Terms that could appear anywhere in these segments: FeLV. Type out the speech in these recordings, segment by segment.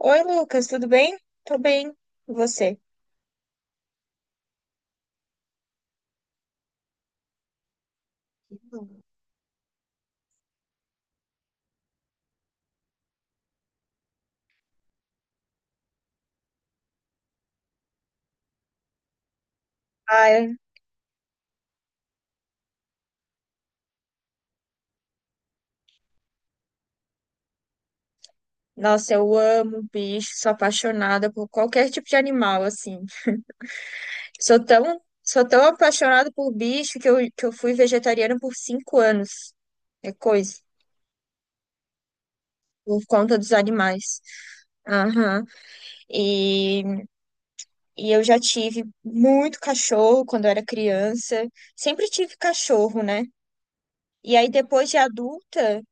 Oi, Lucas, tudo bem? Tô bem. E você? Hum. Ai, nossa, eu amo bicho, sou apaixonada por qualquer tipo de animal, assim. Sou tão apaixonada por bicho que eu fui vegetariana por cinco anos. É coisa, por conta dos animais. Aham. E, e eu já tive muito cachorro quando eu era criança. Sempre tive cachorro, né? E aí, depois de adulta,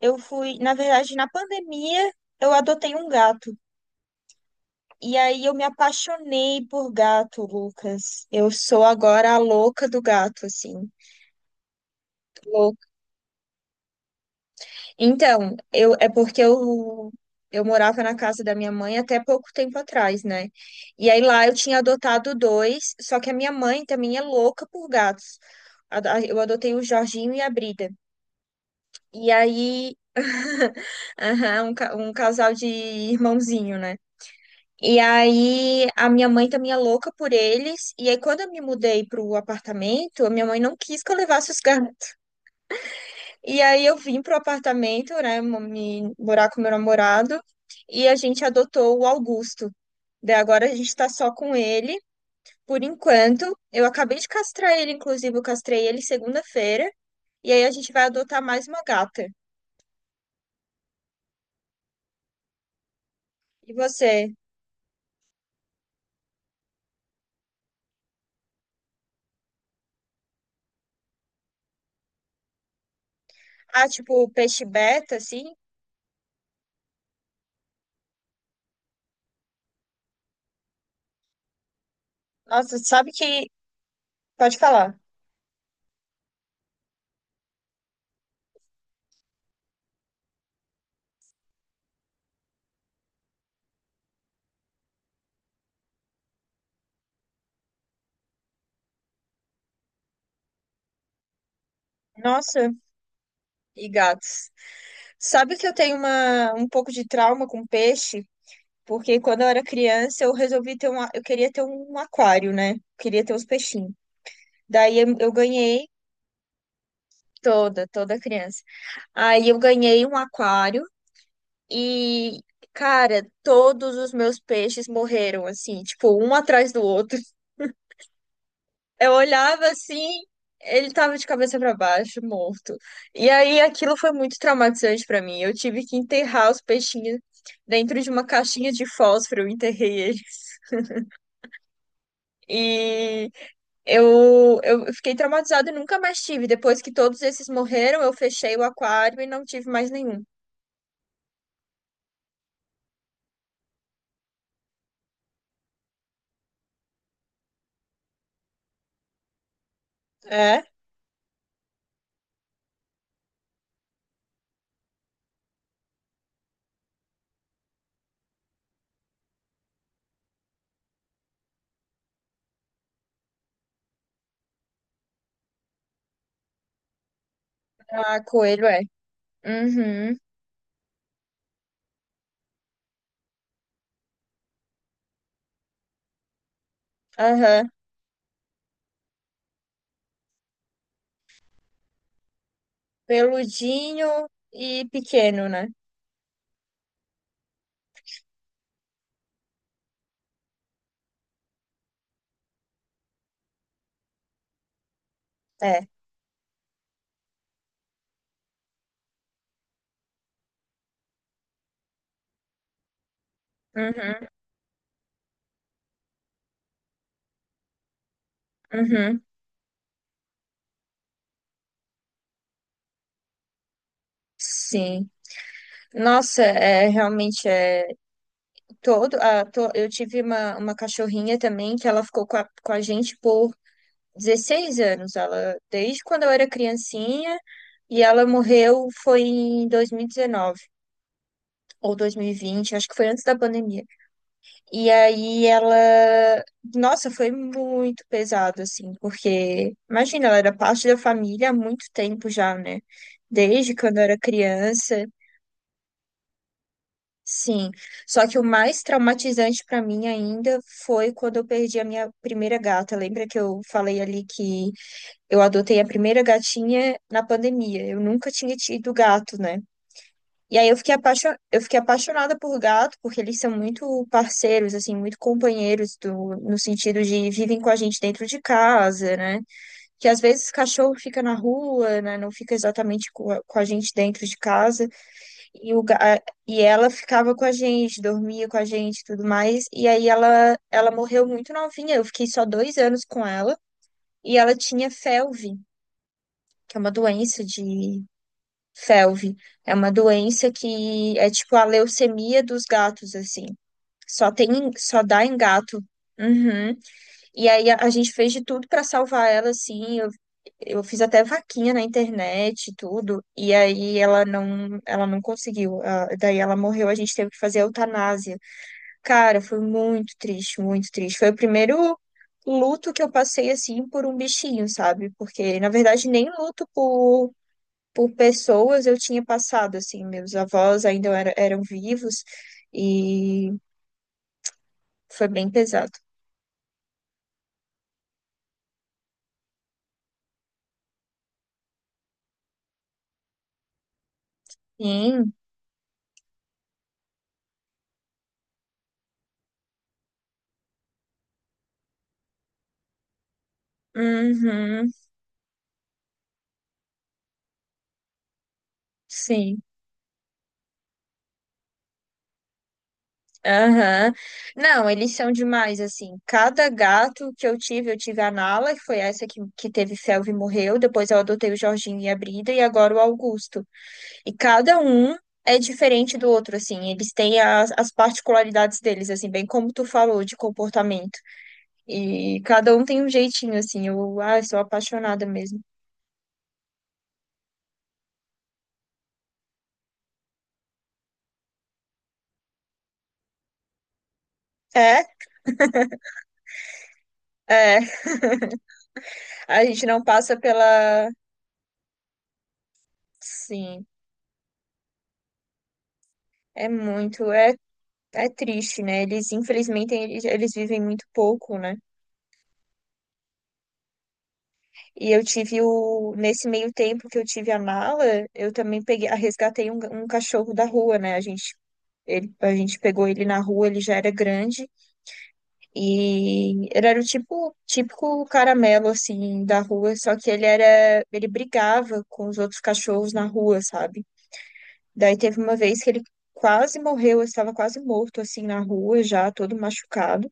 eu fui, na verdade, na pandemia, eu adotei um gato. E aí eu me apaixonei por gato, Lucas. Eu sou agora a louca do gato, assim, louca. Então, eu é porque eu morava na casa da minha mãe até pouco tempo atrás, né? E aí lá eu tinha adotado dois, só que a minha mãe também é louca por gatos. Eu adotei o Jorginho e a Brida. E aí, aham, um casal de irmãozinho, né? E aí a minha mãe também é louca por eles. E aí quando eu me mudei pro apartamento, a minha mãe não quis que eu levasse os gatos. E aí eu vim pro apartamento, né, mo- me morar com meu namorado, e a gente adotou o Augusto. Daí agora a gente tá só com ele por enquanto. Eu acabei de castrar ele, inclusive eu castrei ele segunda-feira, e aí a gente vai adotar mais uma gata. E você? Ah, tipo peixe beta assim? Nossa, sabe que pode falar. Nossa, e gatos. Sabe que eu tenho uma, um pouco de trauma com peixe? Porque quando eu era criança, eu resolvi ter um, eu queria ter um aquário, né? Queria ter os peixinhos. Daí eu ganhei toda, toda criança. Aí eu ganhei um aquário e, cara, todos os meus peixes morreram, assim, tipo, um atrás do outro. Eu olhava assim, ele tava de cabeça pra baixo, morto. E aí aquilo foi muito traumatizante pra mim. Eu tive que enterrar os peixinhos dentro de uma caixinha de fósforo, eu enterrei eles. E eu fiquei traumatizada e nunca mais tive. Depois que todos esses morreram, eu fechei o aquário e não tive mais nenhum. É? Ah, coelho é. Uhum, aham. Peludinho e pequeno, né? É. Uhum, uhum. Sim. Nossa, é realmente é. Eu tive uma cachorrinha também que ela ficou com a gente por 16 anos. Ela, desde quando eu era criancinha, e ela morreu foi em 2019 ou 2020 acho que foi antes da pandemia. E aí ela, nossa, foi muito pesado assim, porque imagina, ela era parte da família há muito tempo já, né? Desde quando eu era criança. Sim, só que o mais traumatizante para mim ainda foi quando eu perdi a minha primeira gata. Lembra que eu falei ali que eu adotei a primeira gatinha na pandemia? Eu nunca tinha tido gato, né? E aí eu fiquei apaixonada por gato, porque eles são muito parceiros, assim, muito companheiros do... no sentido de vivem com a gente dentro de casa, né? Que às vezes cachorro fica na rua, né? Não fica exatamente com a gente dentro de casa. E, o, ga- a- e ela ficava com a gente, dormia com a gente e tudo mais. E aí ela morreu muito novinha. Eu fiquei só dois anos com ela. E ela tinha FeLV, que é uma doença de. FeLV. É uma doença que é tipo a leucemia dos gatos, assim. Só dá em gato. Uhum. E aí a gente fez de tudo pra salvar ela, assim. Eu fiz até vaquinha na internet e tudo, e aí ela não conseguiu. Daí ela morreu, a gente teve que fazer a eutanásia. Cara, foi muito triste, muito triste. Foi o primeiro luto que eu passei assim por um bichinho, sabe? Porque na verdade nem luto por pessoas eu tinha passado assim, meus avós eram vivos e foi bem pesado. Sim. Uhum. Sim. Aham. Não, eles são demais, assim. Cada gato que eu tive a Nala, que foi essa que teve felve e morreu. Depois eu adotei o Jorginho e a Brida, e agora o Augusto. E cada um é diferente do outro, assim. Eles têm as, as particularidades deles, assim, bem como tu falou, de comportamento. E cada um tem um jeitinho, assim. Eu, ah, sou apaixonada mesmo. É, é. A gente não passa pela. Sim. É muito. É é triste, né? Eles, infelizmente, eles vivem muito pouco, né? E eu tive o. Nesse meio tempo que eu tive a mala, eu também peguei, ah, resgatei um, um cachorro da rua, né? A gente, ele, a gente pegou ele na rua, ele já era grande. E ele era o tipo, típico caramelo, assim, da rua. Só que ele era. Ele brigava com os outros cachorros na rua, sabe? Daí teve uma vez que ele quase morreu, eu estava quase morto, assim, na rua, já todo machucado.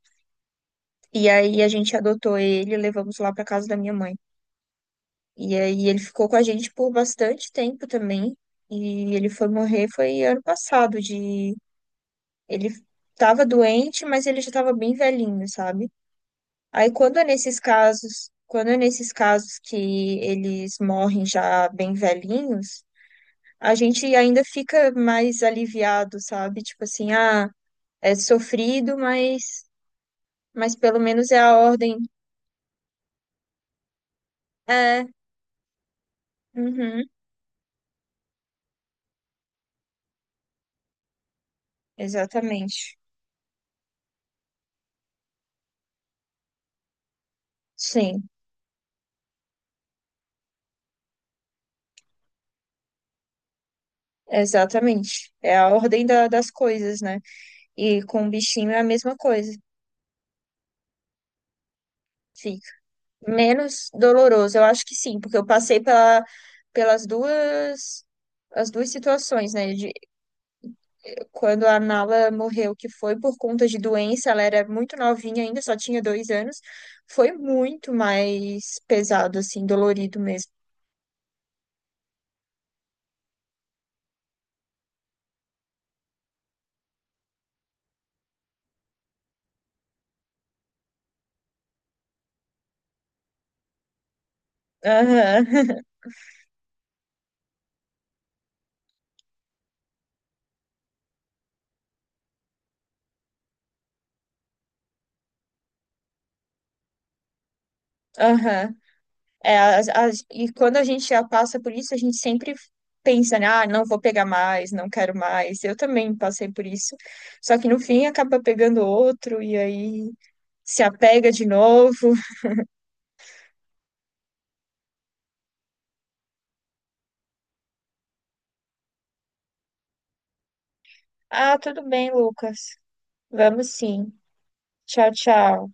E aí a gente adotou ele, e levamos lá para casa da minha mãe. E aí ele ficou com a gente por bastante tempo também. E ele foi morrer foi ano passado de ele estava doente, mas ele já estava bem velhinho, sabe? Aí quando é nesses casos que eles morrem já bem velhinhos, a gente ainda fica mais aliviado, sabe? Tipo assim, ah, é sofrido, mas pelo menos é a ordem. É, uhum, exatamente. Sim, exatamente. Das coisas, né? E com o bichinho é a mesma coisa. Fica menos doloroso, eu acho que sim, porque eu passei pelas duas as duas situações, né? De, quando a Nala morreu, que foi por conta de doença, ela era muito novinha ainda, só tinha dois anos, foi muito mais pesado, assim, dolorido mesmo. Aham, aham. É, e quando a gente já passa por isso, a gente sempre pensa, né, ah, não vou pegar mais, não quero mais. Eu também passei por isso. Só que no fim acaba pegando outro e aí se apega de novo. Ah, tudo bem, Lucas. Vamos sim. Tchau, tchau.